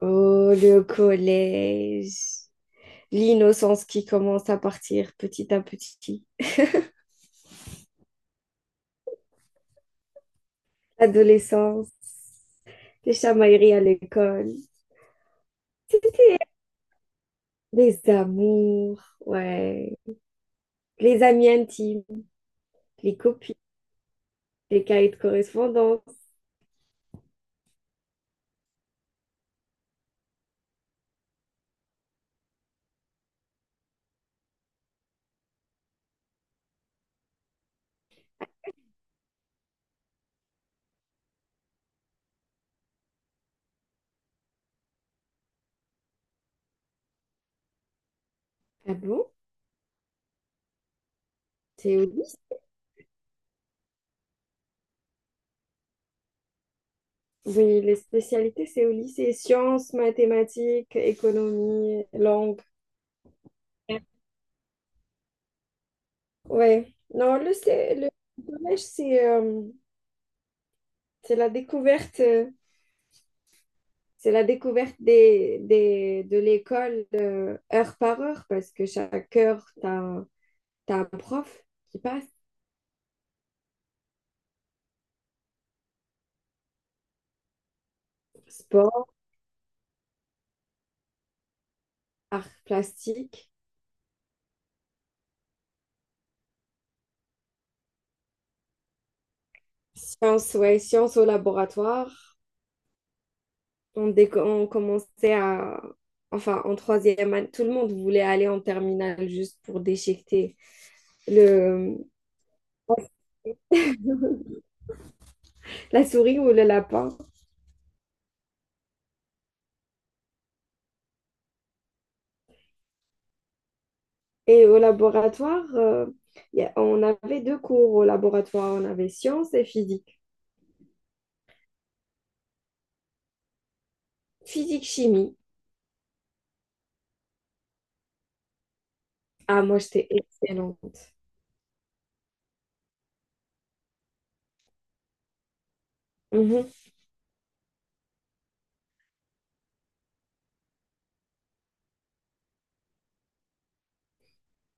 Oh, le collège, l'innocence qui commence à partir petit à petit, l'adolescence, les chamailleries à l'école, si, si, si. Les amours, ouais, les amis intimes, les copies, les cahiers de correspondance. Ah bon? C'est au lycée? Oui, les spécialités, c'est au lycée. Sciences, mathématiques, économie, langue. Ouais. Non, le collège, c'est la découverte. C'est la découverte de l'école heure par heure, parce que chaque heure, tu as, un t'as un prof qui passe. Sport, art plastique, sciences, ouais, sciences au laboratoire. On commençait à... Enfin, en troisième année, tout le monde voulait aller en terminale juste pour déchiqueter le, la souris ou le lapin. Et au laboratoire, on avait deux cours au laboratoire. On avait sciences et physique. Physique-chimie. Ah, moi, j'étais excellente. Mhm.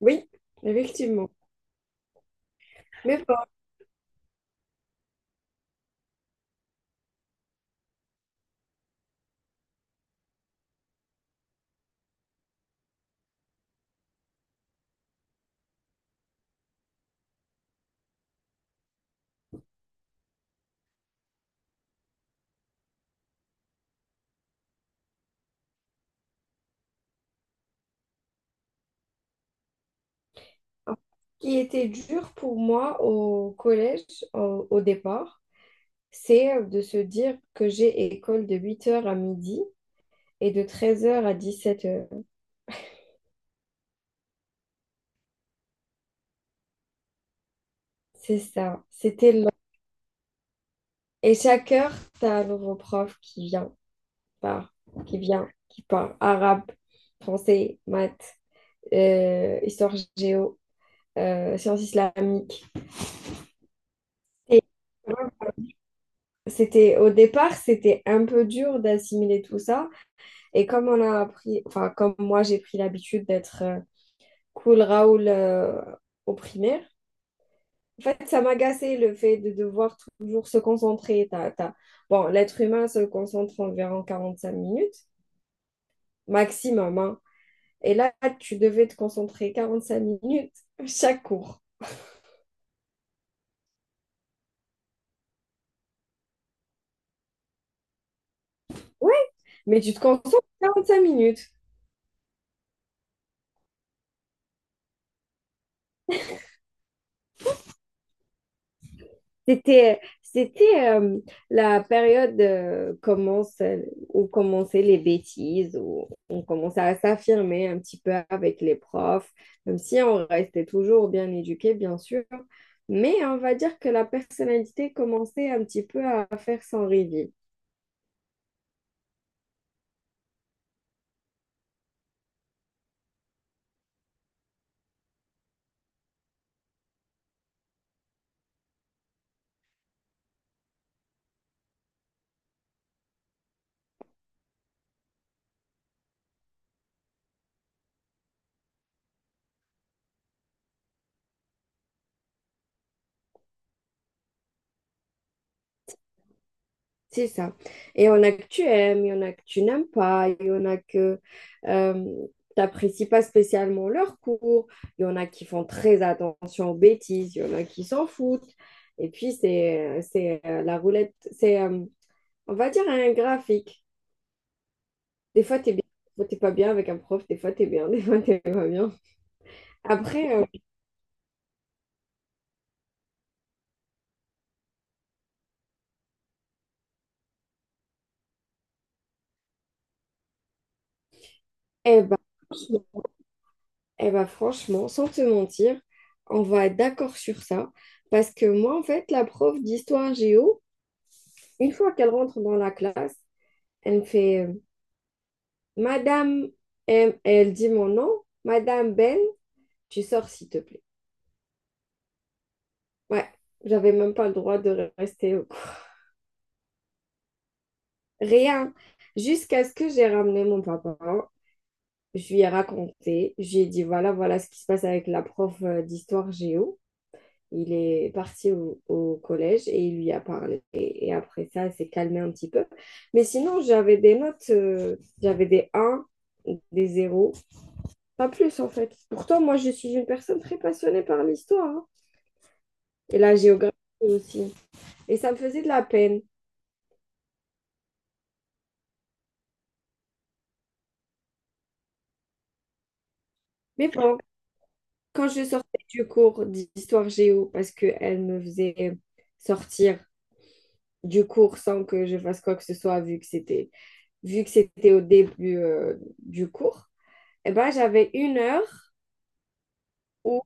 Oui, effectivement. Mais bon, ce qui était dur pour moi au collège, au départ, c'est de se dire que j'ai école de 8 heures à midi et de 13 heures à 17 heures. C'est ça, c'était long. Et chaque heure, t'as un nouveau prof qui vient, part, qui vient, qui part. Arabe, français, maths, histoire géo, sciences islamiques. C'était un peu dur d'assimiler tout ça. Et comme on a appris, enfin, comme moi j'ai pris l'habitude d'être cool Raoul au primaire, en fait, ça m'agaçait le fait de devoir toujours se concentrer. Bon, l'être humain se concentre environ 45 minutes, maximum, hein. Et là, tu devais te concentrer 45 minutes chaque cours. Ouais, mais tu te concentres 45 minutes. C'était la période euh, commence, où commençaient les bêtises, où on commençait à s'affirmer un petit peu avec les profs, même si on restait toujours bien éduqué, bien sûr. Mais on va dire que la personnalité commençait un petit peu à faire son reveal. C'est ça. Et il y en a que tu aimes, il y en a que tu n'aimes pas, il y en a que tu n'apprécies pas spécialement leur cours, il y en a qui font très attention aux bêtises, il y en a qui s'en foutent. Et puis, c'est, la roulette, c'est, on va dire, un graphique. Des fois, tu es bien, des fois, t'es pas bien avec un prof, des fois, tu es bien, des fois, tu pas bien. Après, eh ben, franchement, sans te mentir, on va être d'accord sur ça. Parce que moi, en fait, la prof d'histoire géo, une fois qu'elle rentre dans la classe, elle me fait Madame, M. elle dit mon nom, Madame Ben, tu sors s'il te plaît. Ouais, j'avais même pas le droit de rester au cours. Rien. Jusqu'à ce que j'ai ramené mon papa, je lui ai raconté, je lui ai dit voilà, voilà ce qui se passe avec la prof d'histoire géo. Il est parti au collège et il lui a parlé. Et après ça, elle s'est calmée un petit peu. Mais sinon, j'avais des notes, j'avais des 1, des 0. Pas plus en fait. Pourtant, moi, je suis une personne très passionnée par l'histoire hein, et la géographie aussi. Et ça me faisait de la peine. Mais bon, quand je sortais du cours d'histoire géo, parce qu'elle me faisait sortir du cours sans que je fasse quoi que ce soit, vu que c'était au début du cours, eh ben, j'avais une heure où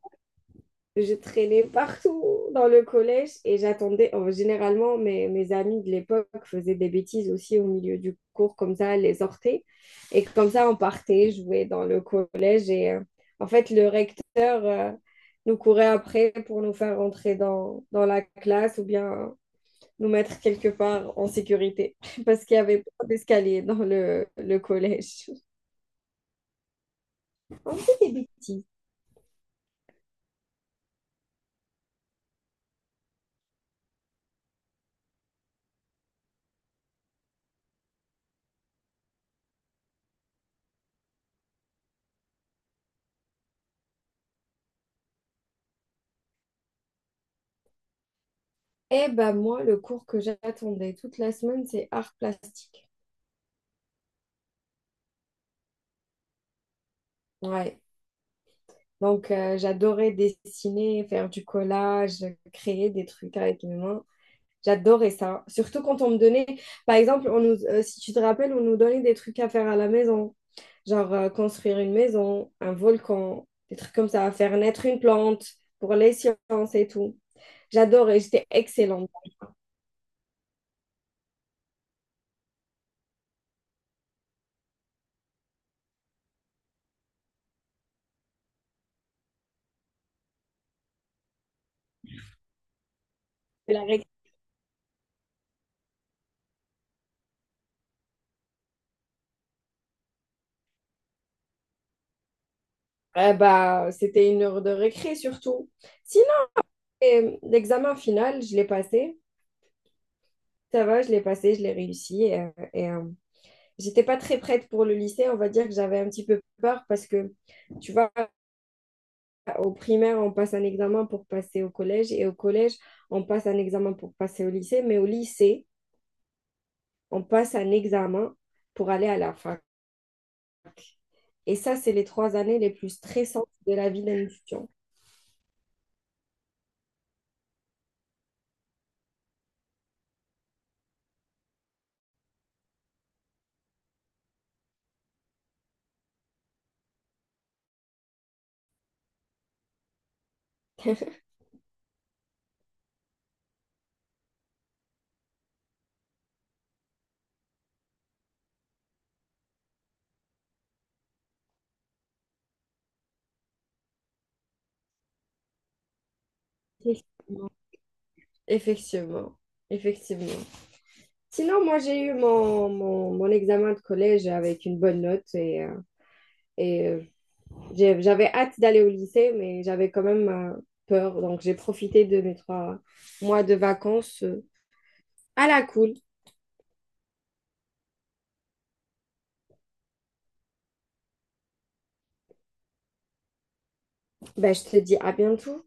je traînais partout dans le collège et j'attendais. Oh, généralement, mes amis de l'époque faisaient des bêtises aussi au milieu du cours, comme ça, elles les hortaient. Et comme ça, on partait jouer dans le collège. Et en fait, le recteur nous courait après pour nous faire rentrer dans la classe ou bien nous mettre quelque part en sécurité parce qu'il y avait pas d'escalier dans le collège. On faisait des bêtises. Eh ben moi, le cours que j'attendais toute la semaine, c'est art plastique. Ouais. Donc j'adorais dessiner, faire du collage, créer des trucs avec mes mains. J'adorais ça. Surtout quand on me donnait, par exemple, si tu te rappelles, on nous donnait des trucs à faire à la maison, genre construire une maison, un volcan, des trucs comme ça, faire naître une plante pour les sciences et tout. J'adorais, j'étais excellente. C'est la Eh ben, c'était une heure de récré surtout. Sinon, l'examen final, je l'ai passé. Ça va, je l'ai passé, je l'ai réussi. J'étais pas très prête pour le lycée. On va dire que j'avais un petit peu peur parce que, tu vois, au primaire, on passe un examen pour passer au collège. Et au collège, on passe un examen pour passer au lycée. Mais au lycée, on passe un examen pour aller à la fac. Et ça, c'est les trois années les plus stressantes de la vie d'un étudiant. Effectivement, effectivement. Sinon, moi, j'ai eu mon examen de collège avec une bonne note et euh, j'avais hâte d'aller au lycée, mais j'avais quand même peur. Donc, j'ai profité de mes trois mois de vacances à la cool. Ben, je te dis à bientôt.